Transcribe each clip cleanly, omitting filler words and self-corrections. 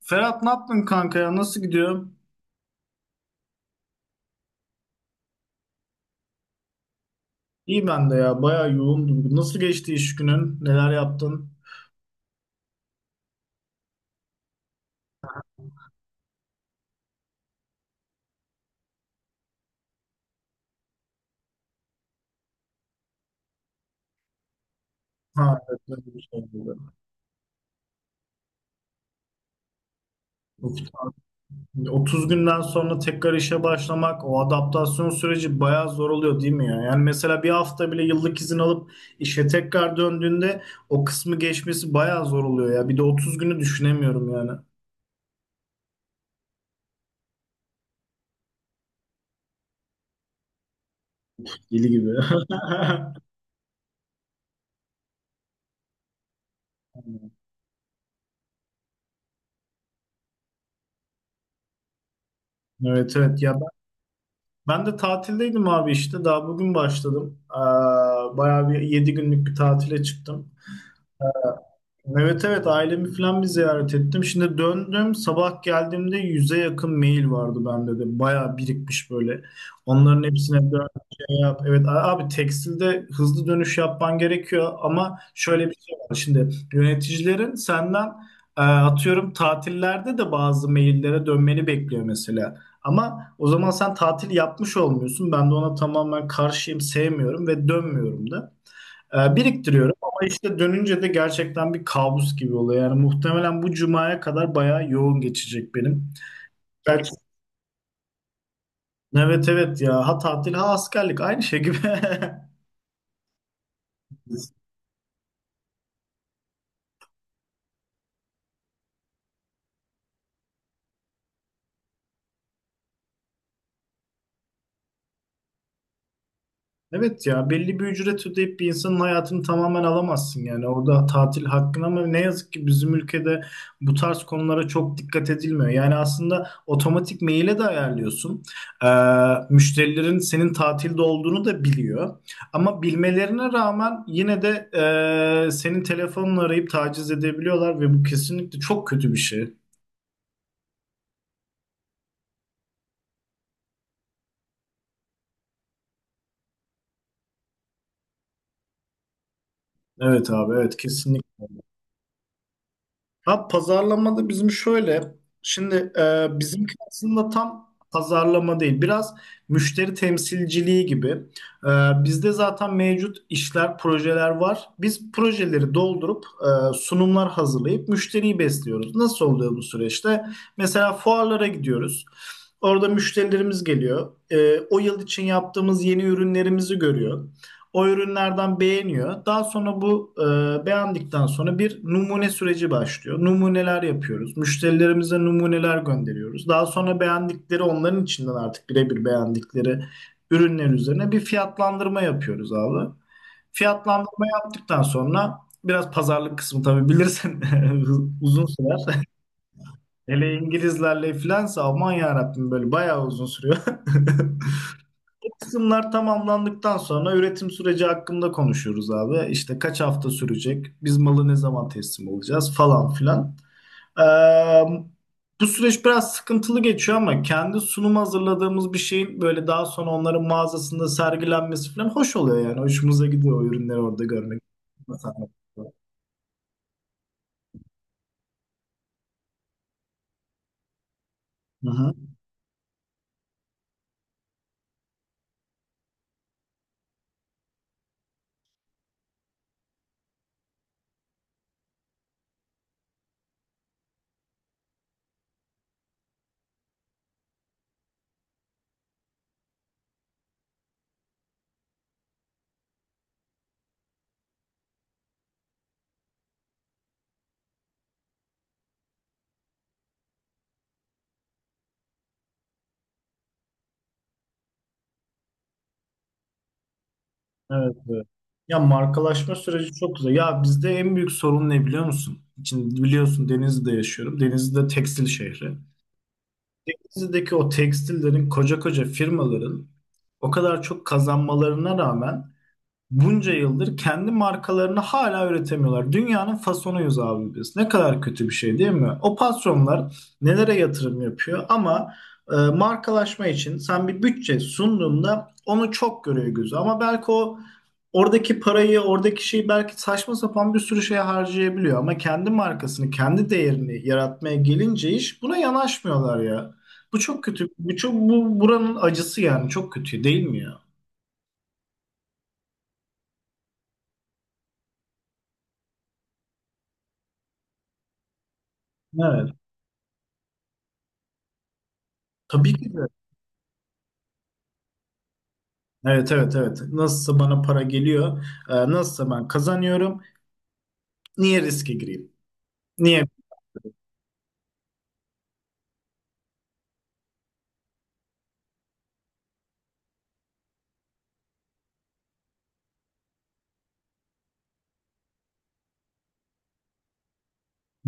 Ferhat ne yaptın kanka ya? Nasıl gidiyor? İyi ben de ya. Bayağı yoğundum. Nasıl geçti iş günün? Neler yaptın? Ha, evet, ben de bir şey yapmadım. Of. 30 günden sonra tekrar işe başlamak, o adaptasyon süreci bayağı zor oluyor değil mi ya? Yani mesela bir hafta bile yıllık izin alıp işe tekrar döndüğünde o kısmı geçmesi bayağı zor oluyor ya. Bir de 30 günü düşünemiyorum yani. Deli gibi. Evet, evet ya. Ben de tatildeydim abi işte. Daha bugün başladım. Bayağı bir 7 günlük bir tatile çıktım. Evet, evet, ailemi falan bir ziyaret ettim. Şimdi döndüm, sabah geldiğimde 100'e yakın mail vardı bende de. Bayağı birikmiş böyle. Onların hepsine dön şey yap. Evet. Abi tekstilde hızlı dönüş yapman gerekiyor ama şöyle bir şey var. Şimdi yöneticilerin senden atıyorum tatillerde de bazı maillere dönmeni bekliyor mesela. Ama o zaman sen tatil yapmış olmuyorsun. Ben de ona tamamen karşıyım, sevmiyorum ve dönmüyorum da. Biriktiriyorum ama işte dönünce de gerçekten bir kabus gibi oluyor. Yani muhtemelen bu cumaya kadar bayağı yoğun geçecek benim. Belki, evet, evet ya, ha tatil ha askerlik aynı şey gibi. Evet ya, belli bir ücret ödeyip bir insanın hayatını tamamen alamazsın, yani orada tatil hakkın, ama ne yazık ki bizim ülkede bu tarz konulara çok dikkat edilmiyor. Yani aslında otomatik maile de ayarlıyorsun. Ee, Müşterilerin senin tatilde olduğunu da biliyor. Ama bilmelerine rağmen yine de senin telefonunu arayıp taciz edebiliyorlar ve bu kesinlikle çok kötü bir şey. Evet abi, evet, kesinlikle. Ha, pazarlamada bizim şöyle, şimdi bizimki aslında tam pazarlama değil, biraz müşteri temsilciliği gibi. E, Bizde zaten mevcut işler, projeler var. Biz projeleri doldurup sunumlar hazırlayıp müşteriyi besliyoruz. Nasıl oluyor bu süreçte? Mesela fuarlara gidiyoruz. Orada müşterilerimiz geliyor. O yıl için yaptığımız yeni ürünlerimizi görüyor. O ürünlerden beğeniyor. Daha sonra bu beğendikten sonra bir numune süreci başlıyor. Numuneler yapıyoruz. Müşterilerimize numuneler gönderiyoruz. Daha sonra beğendikleri, onların içinden artık birebir beğendikleri ürünler üzerine bir fiyatlandırma yapıyoruz abi. Fiyatlandırma yaptıktan sonra biraz pazarlık kısmı, tabii bilirsin, uzun sürer. Hele İngilizlerle filansa aman yarabbim, böyle bayağı uzun sürüyor. Kısımlar tamamlandıktan sonra üretim süreci hakkında konuşuyoruz abi. İşte kaç hafta sürecek, biz malı ne zaman teslim alacağız, falan filan. Ee, Bu süreç biraz sıkıntılı geçiyor ama kendi sunum hazırladığımız bir şeyin böyle daha sonra onların mağazasında sergilenmesi falan hoş oluyor yani. Hoşumuza gidiyor o ürünleri orada görmek. Hı hı. Evet, evet. Ya markalaşma süreci çok güzel. Ya bizde en büyük sorun ne biliyor musun? Şimdi biliyorsun, Denizli'de yaşıyorum. Denizli de tekstil şehri. Denizdeki o tekstillerin, koca koca firmaların o kadar çok kazanmalarına rağmen bunca yıldır kendi markalarını hala üretemiyorlar. Dünyanın fasonuyuz abi biz. Ne kadar kötü bir şey değil mi? O patronlar nelere yatırım yapıyor ama markalaşma için sen bir bütçe sunduğunda onu çok görüyor gözü. Ama belki o oradaki parayı, oradaki şeyi belki saçma sapan bir sürü şeye harcayabiliyor. Ama kendi markasını, kendi değerini yaratmaya gelince iş, buna yanaşmıyorlar ya. Bu çok kötü. Bu çok, bu buranın acısı yani, çok kötü değil mi ya? Evet. Tabii ki de. Evet, evet, evet. Nasılsa bana para geliyor. Nasılsa ben kazanıyorum. Niye riske gireyim? Niye?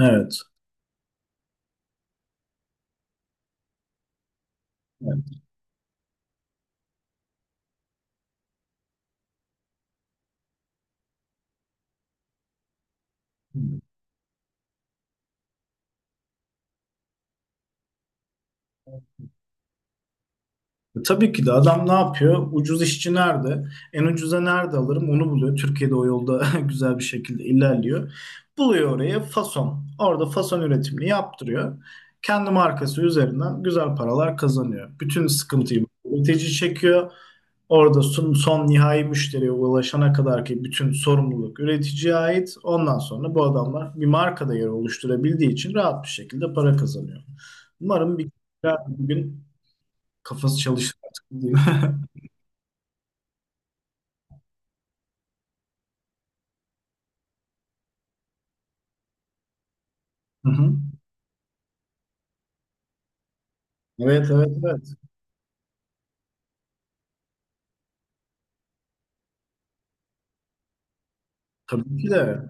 Evet. Evet. Hmm. Tabii ki de, adam ne yapıyor? Ucuz işçi nerede? En ucuza nerede alırım? Onu buluyor. Türkiye'de o yolda güzel bir şekilde ilerliyor. Buluyor oraya fason. Orada fason üretimini yaptırıyor. Kendi markası üzerinden güzel paralar kazanıyor. Bütün sıkıntıyı üretici çekiyor. Orada son, son nihai müşteriye ulaşana kadar ki bütün sorumluluk üreticiye ait. Ondan sonra bu adamlar bir marka değeri oluşturabildiği için rahat bir şekilde para kazanıyor. Umarım bir gün kafası çalışır artık diyeyim. Hı hı. Evet, evet, evet. Tabii ki de.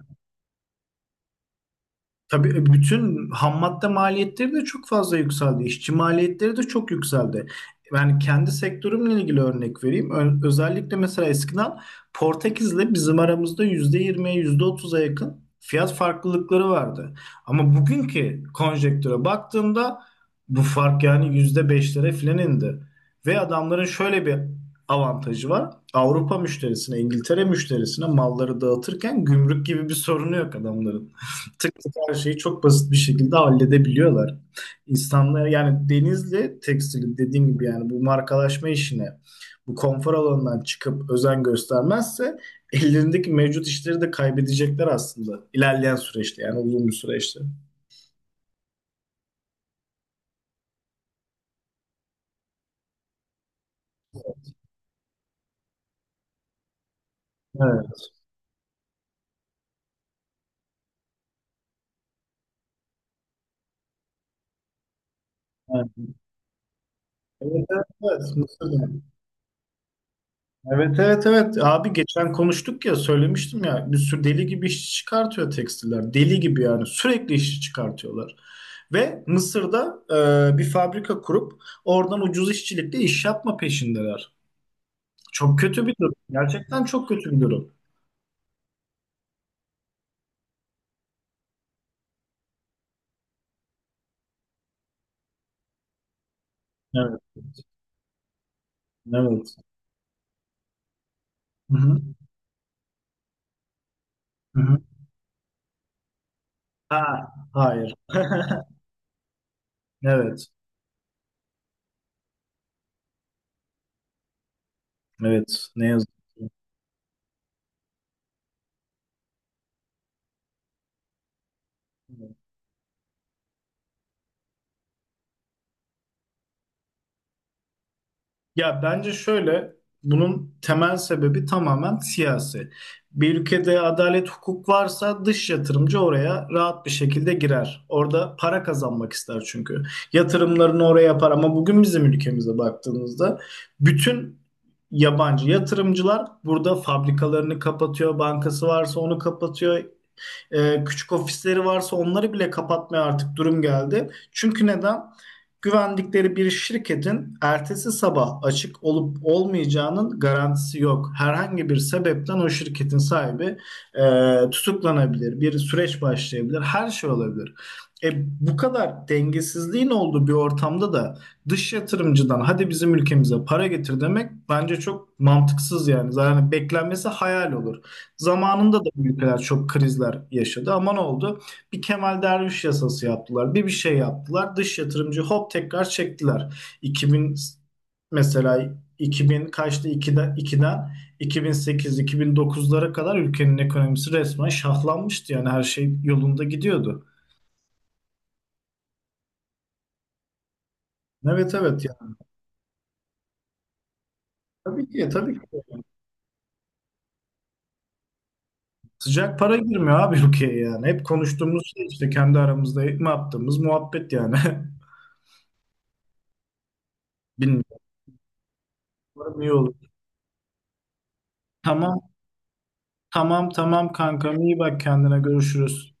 Tabii bütün ham madde maliyetleri de çok fazla yükseldi. İşçi maliyetleri de çok yükseldi. Ben kendi sektörümle ilgili örnek vereyim. Özellikle mesela eskiden Portekiz'le bizim aramızda %20'ye yüzde otuz'a yakın fiyat farklılıkları vardı. Ama bugünkü konjektüre baktığımda bu fark yani %5'lere filan indi. Ve adamların şöyle bir avantajı var. Avrupa müşterisine, İngiltere müşterisine malları dağıtırken gümrük gibi bir sorunu yok adamların, tık tık her şeyi çok basit bir şekilde halledebiliyorlar. İnsanlar, yani denizle tekstilin dediğim gibi, yani bu markalaşma işine, bu konfor alanından çıkıp özen göstermezse ellerindeki mevcut işleri de kaybedecekler aslında ilerleyen süreçte, yani uzun bir süreçte. Evet. Evet, evet, evet. Mısır'da. Evet, evet, evet abi, geçen konuştuk ya, söylemiştim ya, bir sürü deli gibi işçi çıkartıyor tekstiller, deli gibi yani sürekli işçi çıkartıyorlar ve Mısır'da bir fabrika kurup oradan ucuz işçilikle iş yapma peşindeler. Çok kötü bir durum, gerçekten çok kötü bir durum. Evet. Evet. Hı hı, hı hı. Ha, hayır. Evet, evet, ne yazık ki. Ya bence şöyle, bunun temel sebebi tamamen siyasi. Bir ülkede adalet, hukuk varsa dış yatırımcı oraya rahat bir şekilde girer. Orada para kazanmak ister çünkü. Yatırımlarını oraya yapar, ama bugün bizim ülkemize baktığımızda bütün yabancı yatırımcılar burada fabrikalarını kapatıyor, bankası varsa onu kapatıyor, küçük ofisleri varsa onları bile kapatmaya artık durum geldi. Çünkü neden? Güvendikleri bir şirketin ertesi sabah açık olup olmayacağının garantisi yok. Herhangi bir sebepten o şirketin sahibi tutuklanabilir, bir süreç başlayabilir, her şey olabilir. E, Bu kadar dengesizliğin olduğu bir ortamda da dış yatırımcıdan hadi bizim ülkemize para getir demek bence çok mantıksız yani. Zaten beklenmesi hayal olur. Zamanında da bu ülkeler çok krizler yaşadı, ama ne oldu? Bir Kemal Derviş yasası yaptılar. Bir şey yaptılar. Dış yatırımcı hop tekrar çektiler. 2000, mesela 2000 kaçtı, 2'den 2008 2009'lara kadar ülkenin ekonomisi resmen şahlanmıştı. Yani her şey yolunda gidiyordu. Evet, evet yani. Tabii ki, tabii ki. Sıcak para girmiyor abi ülkeye yani. Hep konuştuğumuz şey işte, kendi aramızda ne yaptığımız muhabbet yani. Bilmiyorum. Umarım iyi olur. Tamam. Tamam, tamam kankam, iyi bak kendine, görüşürüz.